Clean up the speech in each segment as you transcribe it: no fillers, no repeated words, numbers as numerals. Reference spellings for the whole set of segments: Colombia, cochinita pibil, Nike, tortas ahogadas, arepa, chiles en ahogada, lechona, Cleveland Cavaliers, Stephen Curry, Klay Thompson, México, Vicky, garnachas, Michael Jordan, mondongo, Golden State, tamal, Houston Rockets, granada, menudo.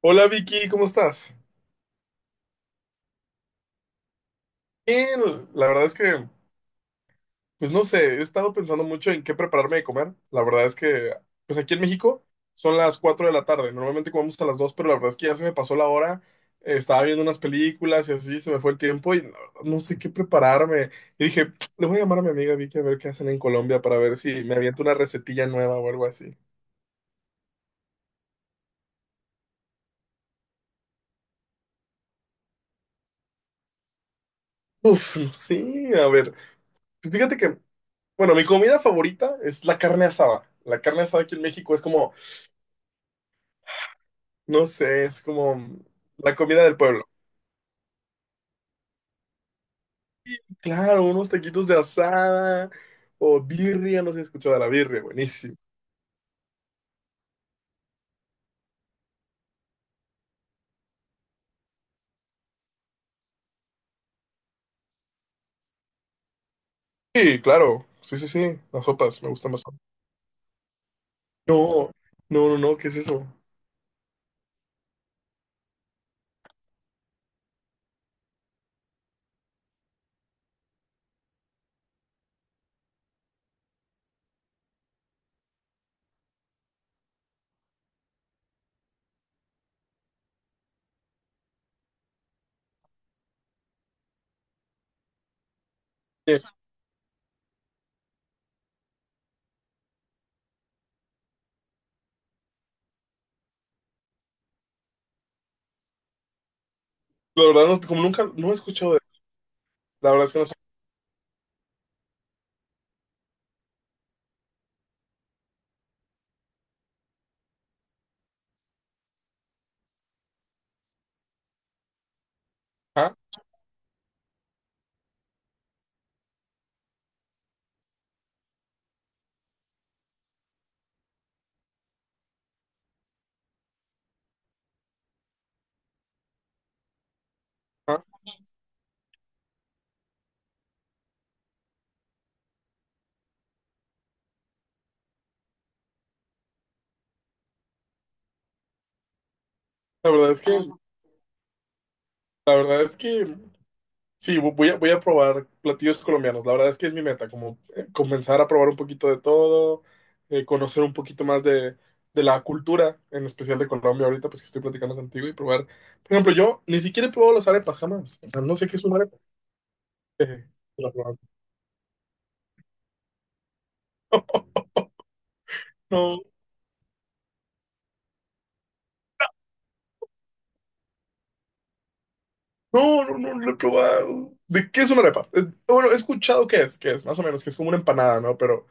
Hola Vicky, ¿cómo estás? Bien, la verdad es que, pues no sé, he estado pensando mucho en qué prepararme de comer. La verdad es que, pues aquí en México son las 4 de la tarde. Normalmente comemos a las 2, pero la verdad es que ya se me pasó la hora. Estaba viendo unas películas y así se me fue el tiempo y no, no sé qué prepararme. Y dije, le voy a llamar a mi amiga Vicky a ver qué hacen en Colombia para ver si me aviento una recetilla nueva o algo así. Uf, no sé, a ver, pues fíjate que, bueno, mi comida favorita es la carne asada. La carne asada aquí en México es como, no sé, es como la comida del pueblo. Claro, unos taquitos de asada o birria. No sé si has escuchado de la birria, buenísimo. Sí, claro, sí, sí, sí, las sopas me gustan bastante. No, no, no, no, ¿qué es eso? Eh, La verdad, no, como nunca, no he escuchado de eso. La verdad es que no sé. Ajá, ajá. La verdad es que, la verdad es que sí, voy a probar platillos colombianos. La verdad es que es mi meta, como comenzar a probar un poquito de todo, conocer un poquito más de la cultura, en especial de Colombia ahorita, pues que estoy platicando contigo, y probar. Por ejemplo, yo ni siquiera he probado las arepas jamás. O sea, no sé qué es una arepa. Eh, ¿la probaste? No, no, no, no, lo he probado. ¿De qué es una arepa? Bueno, he escuchado qué es, más o menos, que es como una empanada, ¿no? Pero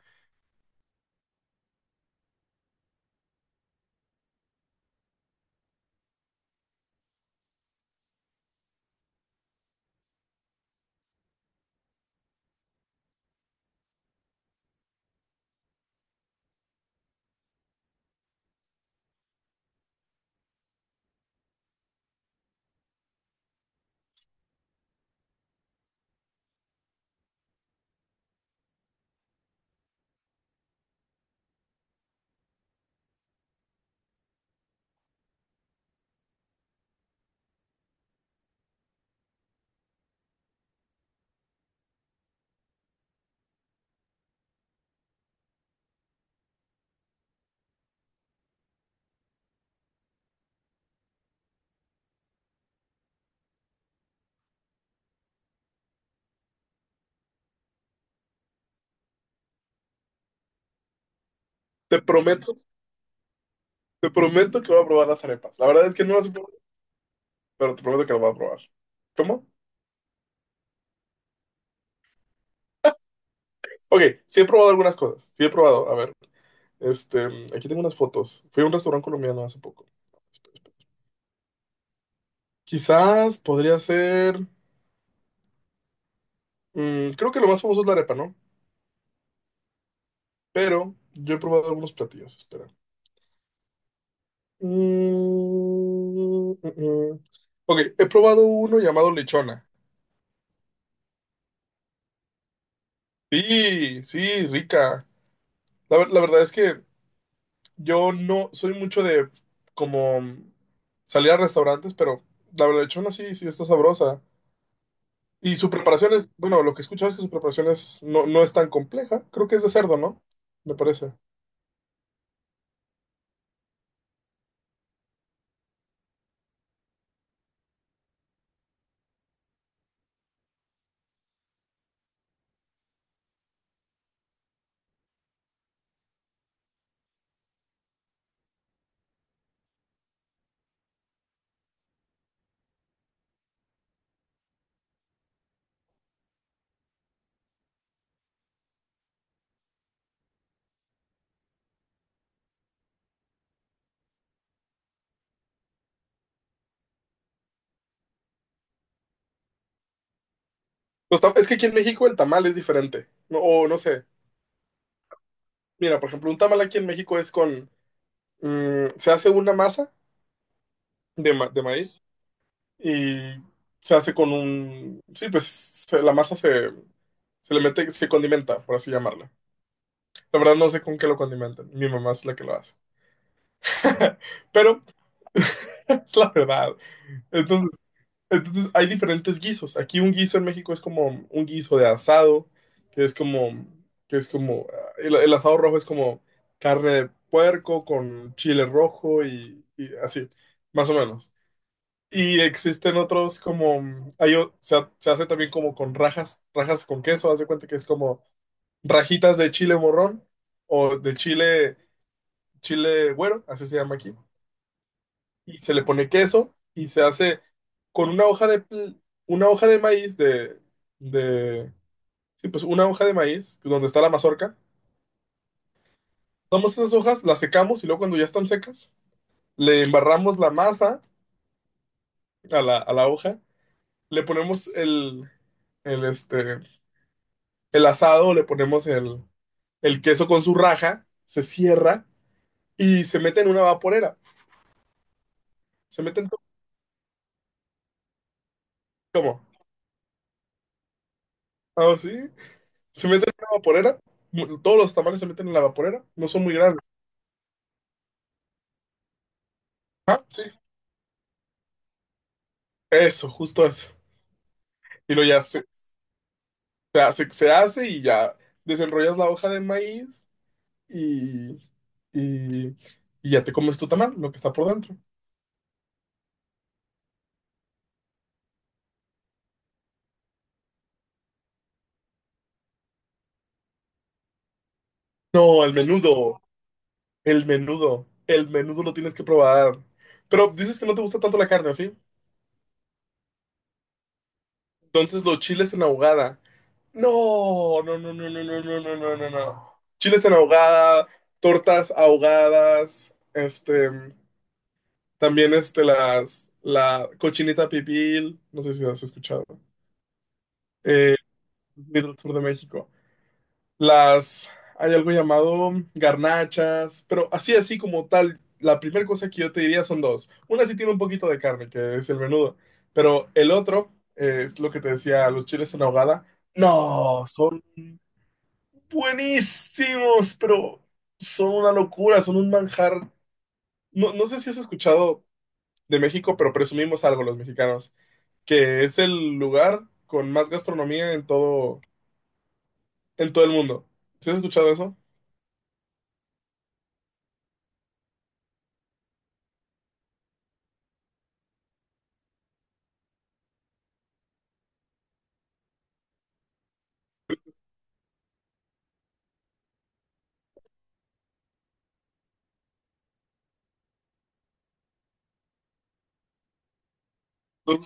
te prometo, te prometo que voy a probar las arepas. La verdad es que no las he probado, pero te prometo que las voy a probar. ¿Cómo? Ok, sí he probado algunas cosas. Sí he probado. A ver, este, aquí tengo unas fotos. Fui a un restaurante colombiano hace poco. Quizás podría ser. Creo que lo más famoso es la arepa, ¿no? Pero yo he probado algunos platillos. Espera. Mm, mm, mm. Ok, he probado uno llamado lechona. Sí, sí, rica. La verdad es que yo no soy mucho de, como, salir a restaurantes, pero la lechona sí, sí está sabrosa. Y su preparación es, bueno, lo que he escuchado es que su preparación es, no, no es tan compleja. Creo que es de cerdo, ¿no? Me parece. Es que aquí en México el tamal es diferente. No, o no sé. Mira, por ejemplo, un tamal aquí en México es con. Se hace una masa de maíz y se hace con un. Sí, pues la masa se le mete, se condimenta, por así llamarla. La verdad no sé con qué lo condimentan. Mi mamá es la que lo hace. Pero es la verdad. entonces Entonces hay diferentes guisos. Aquí un guiso en México es como un guiso de asado, que es como, que es como, el asado rojo es como carne de puerco con chile rojo y así, más o menos. Y existen otros como, hay, se hace también como con rajas, rajas con queso. Haz de cuenta que es como rajitas de chile morrón o de chile güero, así se llama aquí, y se le pone queso y se hace con una hoja de maíz de, sí, pues una hoja de maíz donde está la mazorca. Tomamos esas hojas, las secamos y luego cuando ya están secas, le embarramos la masa a la hoja. Le ponemos el, este, el asado, le ponemos el queso con su raja, se cierra y se mete en una vaporera. Se meten to- ¿cómo? Ah, sí. Se mete en una vaporera. Todos los tamales se meten en la vaporera. No son muy grandes. Ah, sí, eso, justo eso. Y lo ya se, se hace y ya desenrollas la hoja de maíz y, y, y ya te comes tu tamal, lo que está por dentro. No, el menudo, el menudo, el menudo lo tienes que probar. Pero dices que no te gusta tanto la carne, ¿o sí? Entonces los chiles en ahogada. No, no, no, no, no, no, no, no, no, no, no. Chiles en ahogada, tortas ahogadas. También la cochinita pibil, no sé si has escuchado, eh, del sur de México. Las, hay algo llamado garnachas, pero así, así como tal, la primera cosa que yo te diría son dos. Una sí tiene un poquito de carne, que es el menudo, pero el otro, es lo que te decía, los chiles en ahogada, no, son buenísimos, pero son una locura, son un manjar. No, no sé si has escuchado de México, pero presumimos algo los mexicanos, que es el lugar con más gastronomía en todo, el mundo. ¿Sí has escuchado eso? No,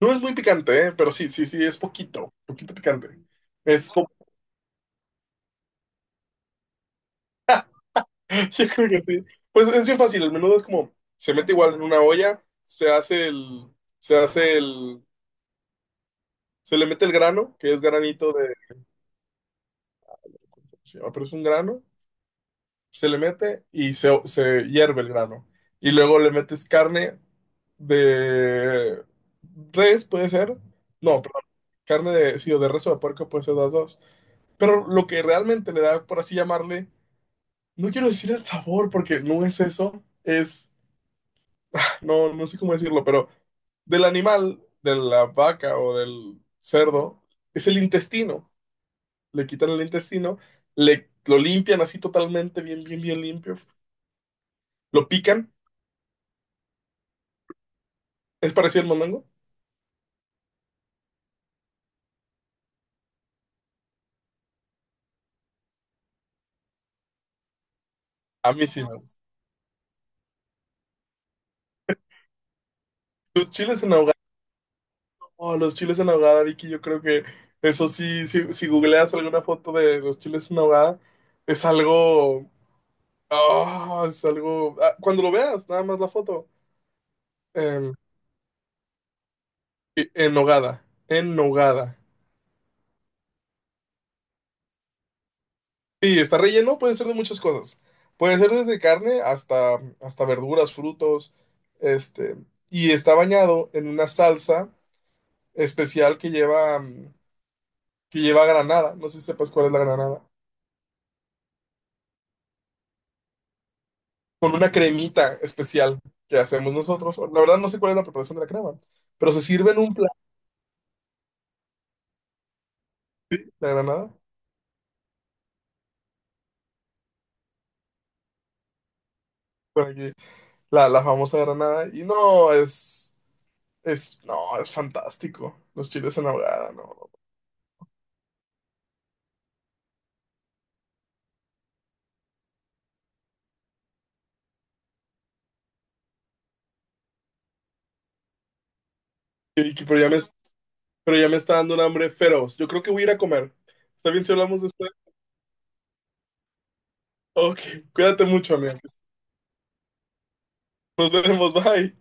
no es muy picante, ¿eh? Pero sí, sí, sí, es poquito, poquito picante. Es como, yo creo que sí. Pues es bien fácil, el menudo es como, se mete igual en una olla, se hace el, se hace el, se le mete el grano, que es granito de. ¿Cómo se llama? Pero es un grano. Se le mete y se hierve el grano. Y luego le metes carne de res, puede ser. No, perdón. Carne de, sí, o de res o de puerco, puede ser las dos. Pero lo que realmente le da, por así llamarle, no quiero decir el sabor porque no es eso, es, no, no sé cómo decirlo, pero del animal, de la vaca o del cerdo, es el intestino. Le quitan el intestino, lo limpian así totalmente, bien, bien, bien limpio, lo pican. ¿Es parecido al mondongo? A mí sí me gusta. Los chiles en ahogada, oh, los chiles en ahogada, Vicky, yo creo que eso sí, si googleas alguna foto de los chiles en ahogada, es algo, es algo, cuando lo veas, nada más la foto, em, en hogada, en hogada. Sí, está relleno, puede ser de muchas cosas. Puede ser desde carne hasta, verduras, frutos, este, y está bañado en una salsa especial que lleva granada, no sé si sepas cuál es la granada. Con una cremita especial que hacemos nosotros. La verdad no sé cuál es la preparación de la crema, pero se sirve en un plato la granada. Por aquí, la famosa granada, y no, es fantástico. Los chiles en ahogada, no. No. Y- y- Pero ya me, pero ya me está dando un hambre feroz. Yo creo que voy a ir a comer. ¿Está bien si hablamos después? Ok, cuídate mucho, amigo. Nos vemos, bye.